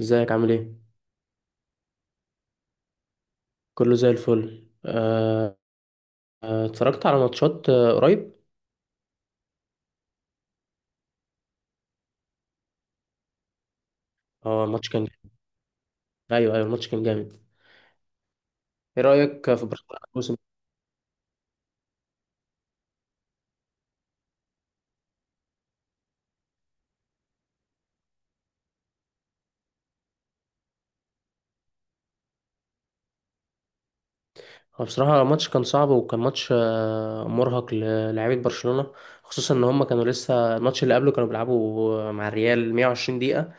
ازيك عامل ايه؟ كله زي الفل. اتفرجت على ماتشات قريب. اه، ماتش كان ايوه ايوه، الماتش كان جامد. ايه رأيك في برشلونة الموسم ده؟ هو بصراحة الماتش كان صعب، وكان ماتش مرهق للاعيبة برشلونة، خصوصا ان هم كانوا لسه الماتش اللي قبله كانوا بيلعبوا مع الريال 120 دقيقة.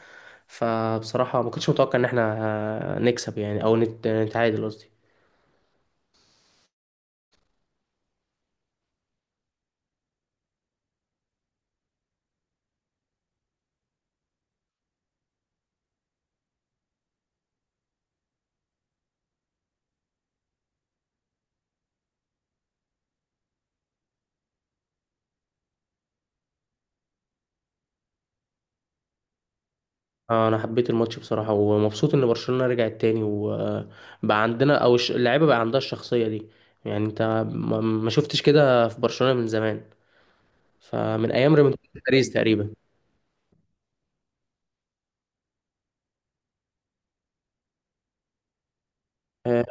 فبصراحة ما كنتش متوقع ان احنا نكسب، يعني او نتعادل قصدي. انا حبيت الماتش بصراحه، ومبسوط ان برشلونه رجعت تاني وبقى عندنا، او اللعيبه بقى عندها الشخصيه دي. يعني انت ما شفتش كده في برشلونه من زمان، فمن ايام ريمونتادا باريس تقريبا. آه،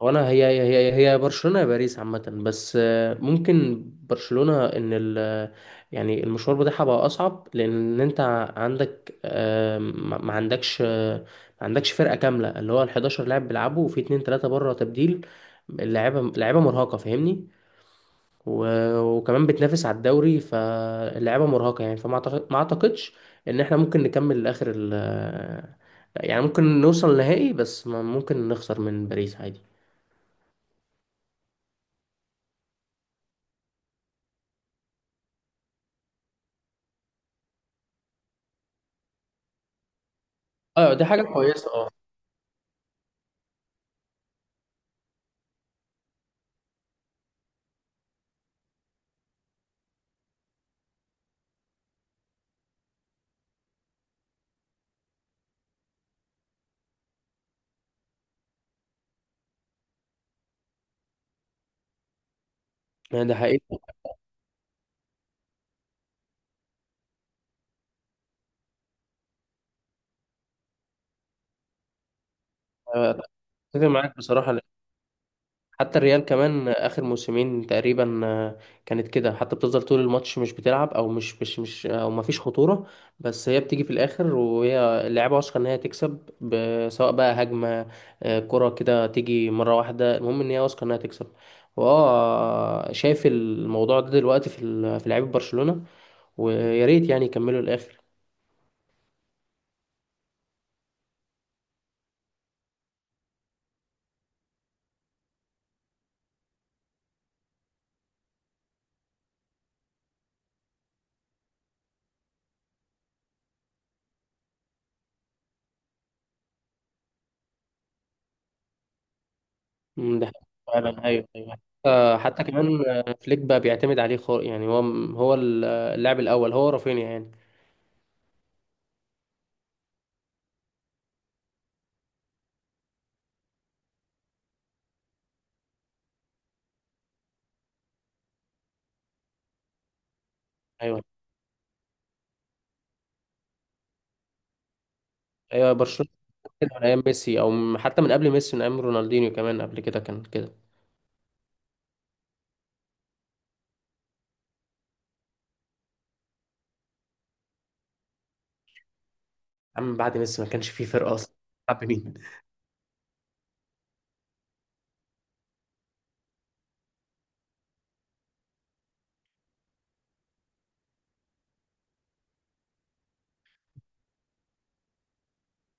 وانا هي هي برشلونه يا باريس عامه. بس ممكن برشلونه ان ال يعني المشوار بتاعها بقى اصعب، لان انت عندك ما عندكش ما عندكش فرقه كامله، اللي هو ال 11 لاعب بيلعبوا، وفي 2 3 بره تبديل. اللعيبه لعيبه مرهقه فاهمني، وكمان بتنافس على الدوري، فاللعيبه مرهقه يعني. ما اعتقدش ان احنا ممكن نكمل لاخر يعني ممكن نوصل لنهائي، بس ممكن نخسر من باريس عادي. اه دي حاجه كويسه، اه. يعني ده حقيقي. آه، اتفق معاك بصراحه. حتى الريال كمان اخر موسمين تقريبا كانت كده، حتى بتفضل طول الماتش مش بتلعب او مش او ما فيش خطوره، بس هي بتيجي في الاخر، وهي اللعيبه واثقه ان هي تكسب، سواء بقى هجمه كره كده تيجي مره واحده، المهم ان هي واثقه انها تكسب. واه شايف الموضوع ده دلوقتي في في لعيبه برشلونه، ويا ريت يعني يكملوا الاخر. ده فعلا، ايوه ايوه. حتى كمان فليك بقى بيعتمد عليه خالص، يعني هو هو اللاعب الاول، هو رافينيا يعني. ايوه ايوه، برشلونه كده من ايام ميسي، او حتى من قبل ميسي، من ايام رونالدينيو كمان، قبل كده كان كده. يا عم بعد ميسي ما كانش فيه فرقه اصلا بتلعب بمين.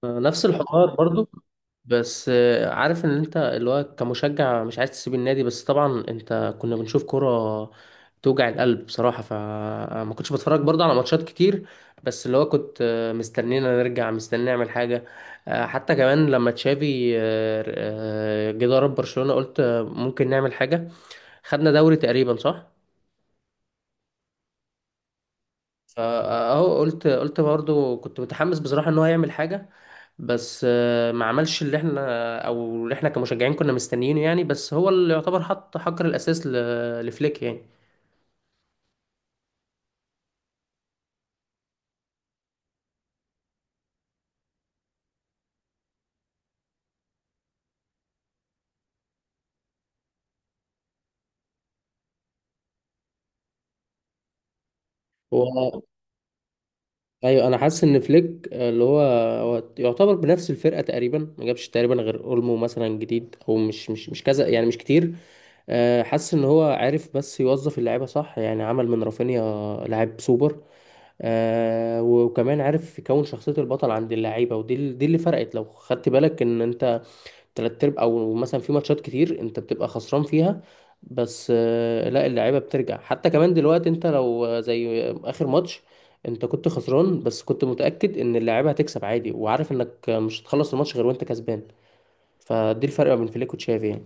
نفس الحوار برضو. بس عارف ان انت اللي هو كمشجع مش عايز تسيب النادي، بس طبعا انت كنا بنشوف كرة توجع القلب بصراحة، فما كنتش بتفرج برضو على ماتشات كتير، بس اللي هو كنت مستنينا نرجع، مستني نعمل حاجة. حتى كمان لما تشافي جه ضرب برشلونة، قلت ممكن نعمل حاجة. خدنا دوري تقريبا، صح؟ فاهو قلت برضو كنت متحمس بصراحة ان هو يعمل حاجة، بس ما عملش اللي احنا، او اللي احنا كمشجعين كنا مستنيينه يعني، بس هو اللي يعتبر حط حجر الاساس لفليك يعني. هو ايوه، انا حاسس ان فليك اللي هو هو يعتبر بنفس الفرقة تقريبا، ما جابش تقريبا غير اولمو مثلا جديد، او مش كذا يعني، مش كتير. حاسس ان هو عارف بس يوظف اللعيبه صح، يعني عمل من رافينيا لاعب سوبر. آه، وكمان عارف يكون شخصية البطل عند اللعيبة، ودي دي اللي فرقت. لو خدت بالك ان انت تلات ارباع او مثلا في ماتشات كتير انت بتبقى خسران فيها، بس آه، لا، اللعيبة بترجع. حتى كمان دلوقتي انت لو زي اخر ماتش، انت كنت خسران بس كنت متأكد ان اللعيبة هتكسب عادي، وعارف انك مش هتخلص الماتش غير وانت كسبان. فدي الفرق بين فليك وتشافي يعني.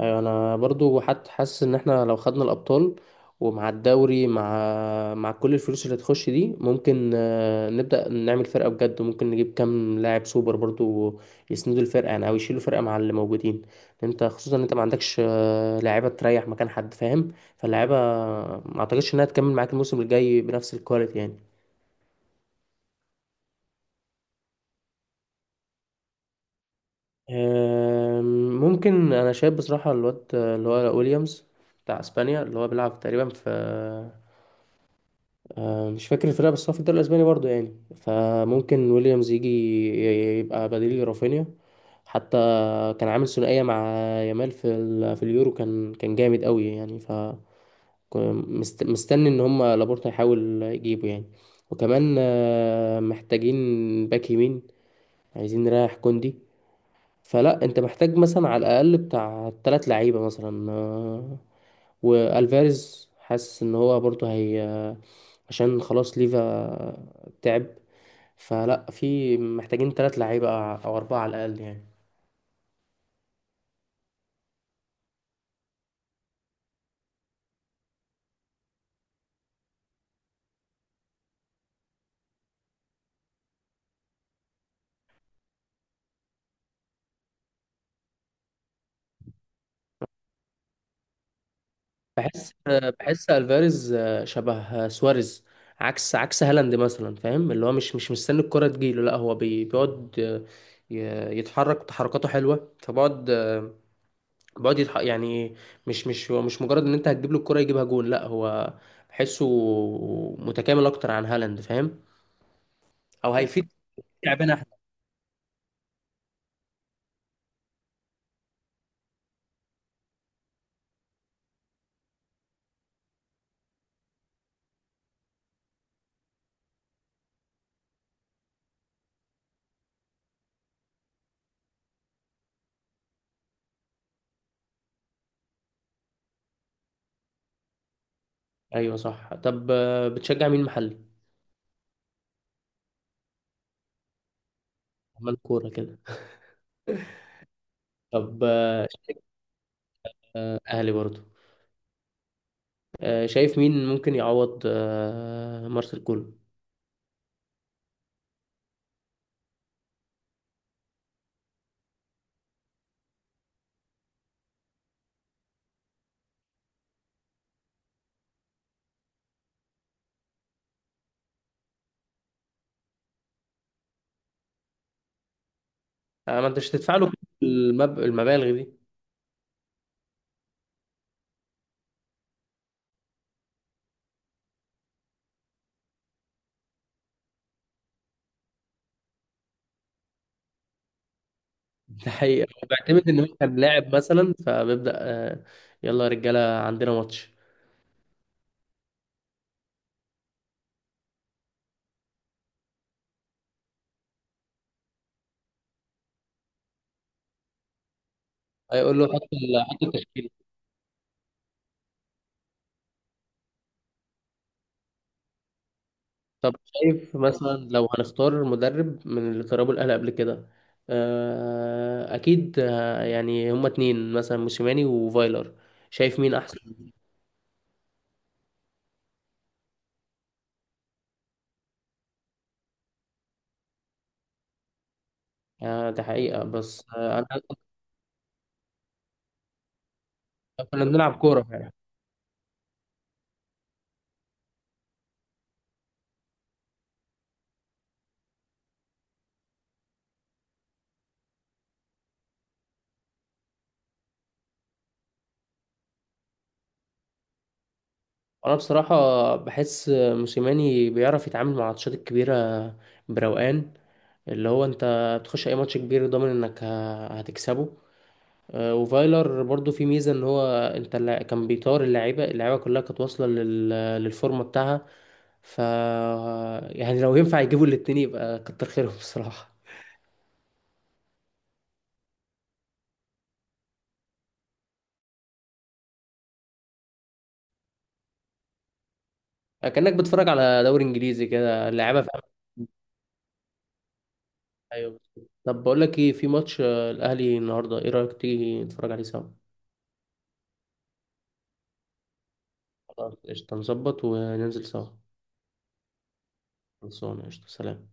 ايوه انا برضو حتى حاسس ان احنا لو خدنا الابطال ومع الدوري، مع كل الفلوس اللي تخش دي، ممكن نبدا نعمل فرقه بجد، ممكن نجيب كام لاعب سوبر برضو يسندوا الفرقه، يعني او يشيلوا فرقه مع اللي موجودين. انت خصوصا ان انت ما عندكش لاعيبه تريح مكان حد فاهم، فاللاعيبه ما اعتقدش انها تكمل معاك الموسم الجاي بنفس الكواليتي يعني. آم، ممكن، انا شايف بصراحه الواد اللي هو ويليامز بتاع اسبانيا، اللي هو بيلعب تقريبا في مش فاكر الفرقة، بس هو في الدوري الأسباني برضو يعني، فممكن ويليامز يجي يبقى بديل لرافينيا. حتى كان عامل ثنائية مع يامال في في اليورو، كان جامد قوي يعني. مستني ان هم لابورتا يحاول يجيبه يعني. وكمان محتاجين باك يمين، عايزين نريح كوندي، فلا انت محتاج مثلا على الاقل بتاع ثلاث لعيبة مثلا. والفاريز حاسس ان هو برضو عشان خلاص ليفا تعب، فلا في محتاجين ثلاث لعيبة أو أربعة على الأقل يعني. بحس بحس ألفاريز شبه سواريز، عكس هالاند مثلا فاهم، اللي هو مش مستني الكرة تجيله، لا هو بيقعد يتحرك تحركاته حلوة، فبقعد يعني مش هو مش مجرد إن أنت هتجيب له الكرة يجيبها جون، لا هو بحسه متكامل أكتر عن هالاند فاهم، أو هيفيد لعبنا احنا. أيوه صح. طب بتشجع مين محلي؟ عمال كورة كده. طب أهلي برضو. شايف مين ممكن يعوض مارسيل كولر؟ آه، ما أنتش تدفع له كل المبالغ دي. ده حقيقة، هو بيعتمد إن هو كان لاعب مثلا، فبيبدأ يلا يا رجالة عندنا ماتش. هيقول له حط التشكيل. طب شايف مثلا لو هنختار مدرب من اللي دربوا الأهلي قبل كده أكيد يعني هما اتنين مثلا، موسيماني وفايلر، شايف مين أحسن؟ ده حقيقة، بس أنا كنا بنلعب كورة فعلا. أنا بصراحة بحس موسيماني بيعرف يتعامل مع الماتشات الكبيرة بروقان، اللي هو أنت بتخش أي ماتش كبير ضامن إنك هتكسبه. وفايلر برضو في ميزة إن هو أنت كان بيطار اللعيبة، اللعيبة كلها كانت واصلة للفورمة بتاعها. ف يعني لو ينفع يجيبوا الاتنين يبقى كتر خيرهم بصراحة. كأنك بتتفرج على دوري إنجليزي كده، اللعيبة في أمان. أيوة. طب بقول لك إيه، في ماتش الأهلي النهاردة، إيه رأيك تيجي نتفرج عليه سوا؟ خلاص قشطة، نظبط وننزل سوا. خلصانة، قشطة، سلام.